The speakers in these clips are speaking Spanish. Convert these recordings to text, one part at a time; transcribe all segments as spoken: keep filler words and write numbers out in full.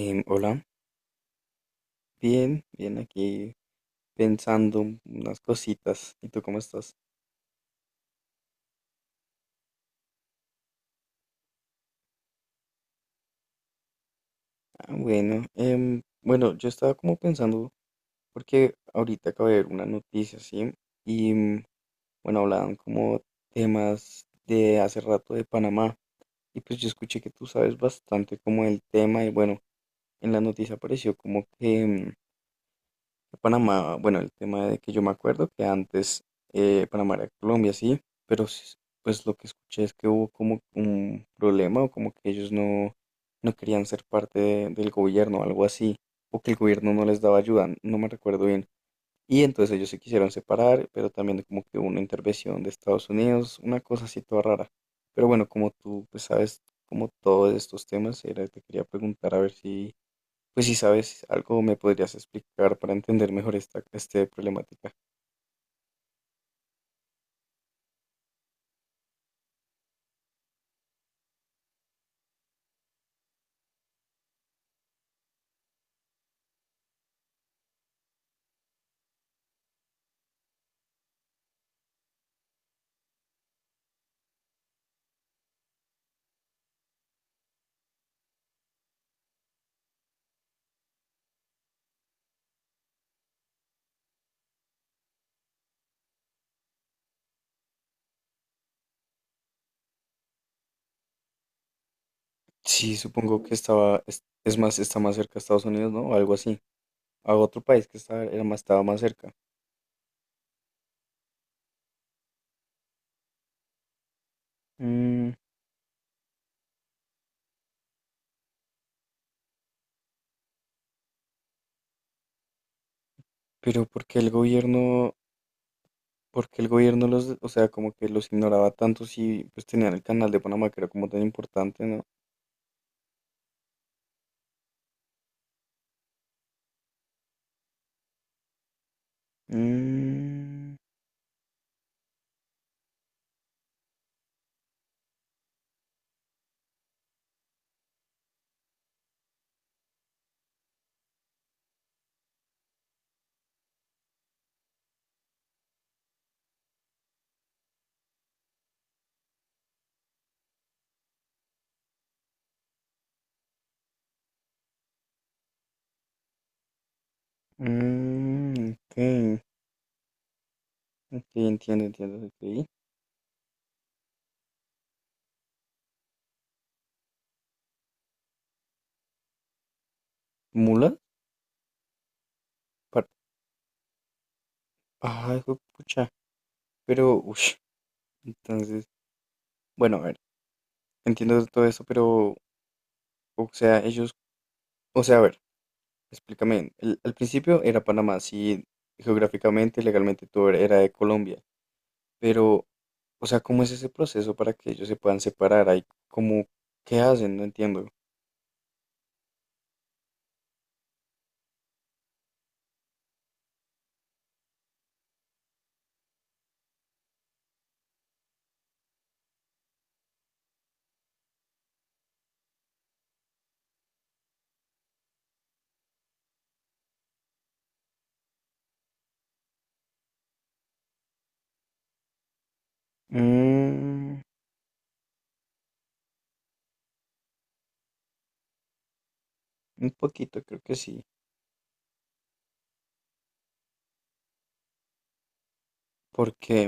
Em, hola, bien, bien aquí pensando unas cositas. ¿Y tú cómo estás? Ah, bueno, em, bueno, yo estaba como pensando, porque ahorita acabo de ver una noticia, ¿sí? Y mm, bueno, hablaban como temas de hace rato de Panamá. Y pues yo escuché que tú sabes bastante como el tema y bueno, en la noticia apareció como que... mm, Panamá, bueno, el tema de que yo me acuerdo que antes eh, Panamá era Colombia, sí, pero s- pues lo que escuché es que hubo como un problema o como que ellos no, no querían ser parte de- del gobierno o algo así, o que el gobierno no les daba ayuda, n- no me recuerdo bien. Y entonces ellos se quisieron separar, pero también como que hubo una intervención de Estados Unidos, una cosa así toda rara. Pero bueno, como tú pues sabes como todos estos temas, era, te quería preguntar a ver si pues si sabes algo, me podrías explicar para entender mejor esta este problemática. Sí, supongo que estaba, es, es más, está más cerca a Estados Unidos, ¿no? O algo así. A otro país que estaba, era más, estaba más cerca. Mm, pero ¿por qué el gobierno, por qué el gobierno los, o sea, como que los ignoraba tanto si pues tenían el canal de Panamá que era como tan importante, ¿no? Mm, mm, ok, ok, entiendo, entiendo, ok. ¿Mulas? Par- ay, pucha. Pero, uff, entonces. Bueno, a ver, entiendo todo eso, pero, o sea, ellos, o sea, a ver, explícame, el- al principio era Panamá, sí, geográficamente, legalmente todo era de Colombia, pero, o sea, ¿cómo es ese proceso para que ellos se puedan separar? Hay como, ¿qué hacen? No entiendo. Mm, un poquito, creo que sí, porque,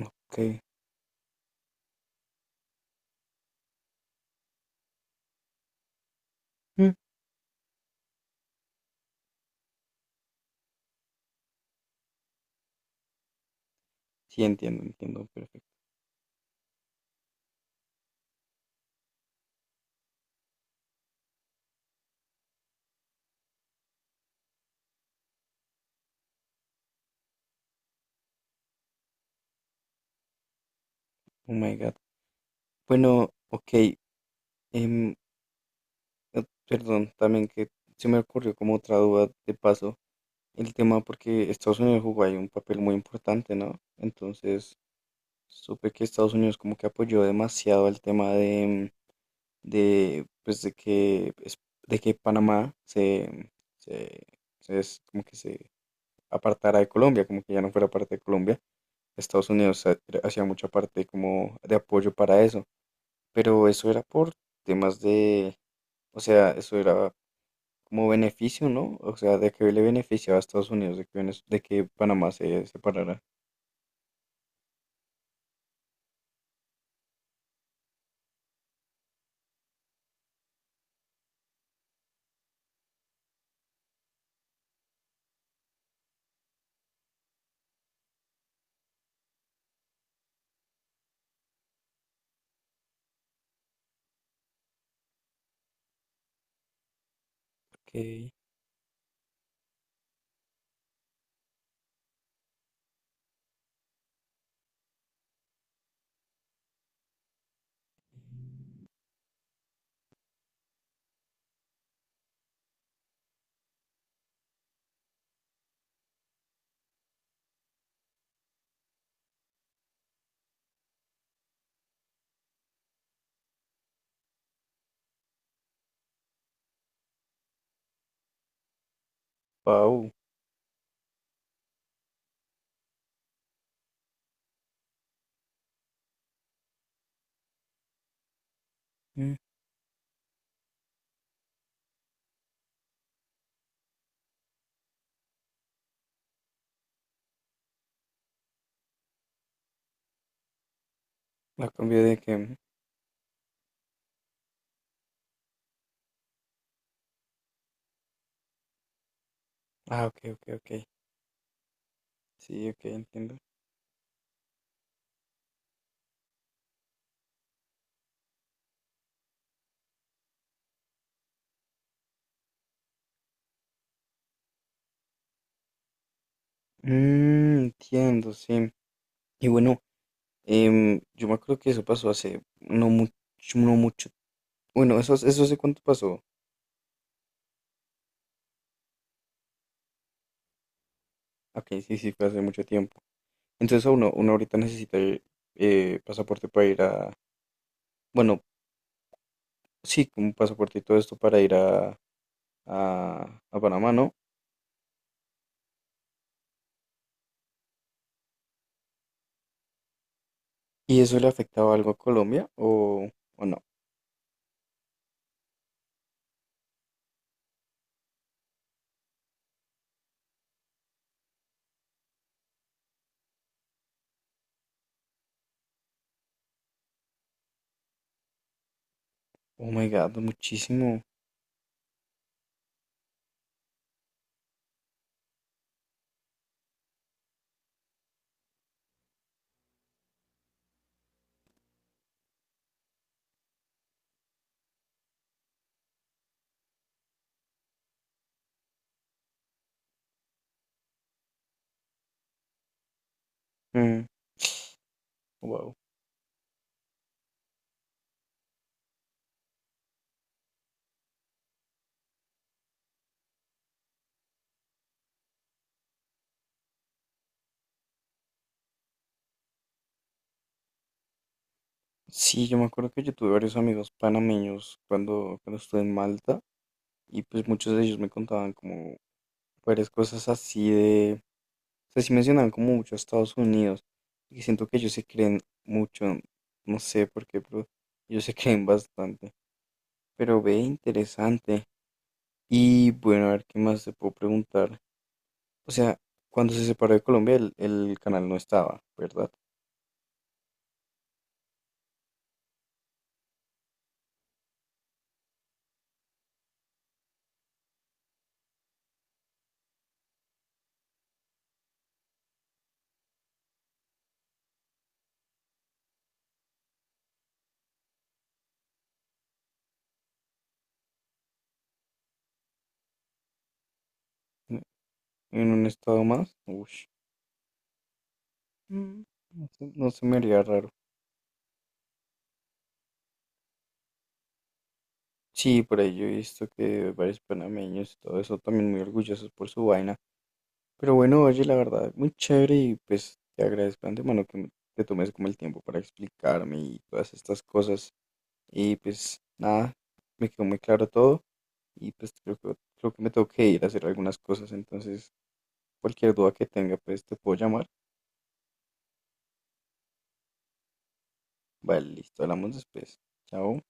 ok, mm, sí, entiendo, entiendo, perfecto. Oh my God. Bueno, ok, em, eh, perdón, también que se me ocurrió como otra duda de paso. El tema porque Estados Unidos jugó ahí un papel muy importante, ¿no? Entonces, supe que Estados Unidos como que apoyó demasiado el tema de, de pues de que es- de que Panamá se, se, se es como que se apartara de Colombia, como que ya no fuera parte de Colombia. Estados Unidos ha- era- hacía mucha parte como de apoyo para eso, pero eso era por temas de, o sea, eso era como beneficio, ¿no? O sea, de que le beneficiaba a Estados Unidos de que, Venez- de que Panamá se separara. Ok. Wow. Mm, la cambié de que. Ah, ok, ok, ok. Sí, ok, entiendo. Mm, entiendo, sí. Y bueno, em, yo me acuerdo que eso pasó hace no mucho, no mucho. Bueno, eso, eso hace cuánto pasó. Ok, sí, sí, fue hace mucho tiempo. Entonces a uno, uno ahorita necesita eh, pasaporte para ir a. Bueno, sí, como pasaporte y todo esto para ir a, a, a Panamá, ¿no? ¿Y eso le afectaba algo a Colombia o, o no? Oh my God, muchísimo. Wow. Sí, yo me acuerdo que yo tuve varios amigos panameños cuando, cuando estuve en Malta y pues muchos de ellos me contaban como varias cosas así de, o sea, sí mencionaban como mucho a Estados Unidos y siento que ellos se creen mucho, no sé por qué, pero ellos se creen bastante. Pero ve, interesante. Y bueno, a ver qué más te puedo preguntar. O sea, cuando se separó de Colombia el, el canal no estaba, ¿verdad? En en un estado más, ush, mm, no se no se me haría raro. Sí, por ahí yo he visto que varios panameños y todo eso también muy orgullosos por su vaina. Pero bueno, oye, la verdad, muy chévere y pues te agradezco de antemano que me- te tomes como el tiempo para explicarme y todas estas cosas. Y pues nada, me quedó muy claro todo y pues creo que, creo que me tengo que ir a hacer algunas cosas. Entonces, cualquier duda que tenga, pues te puedo llamar. Vale, listo, hablamos después. Chao.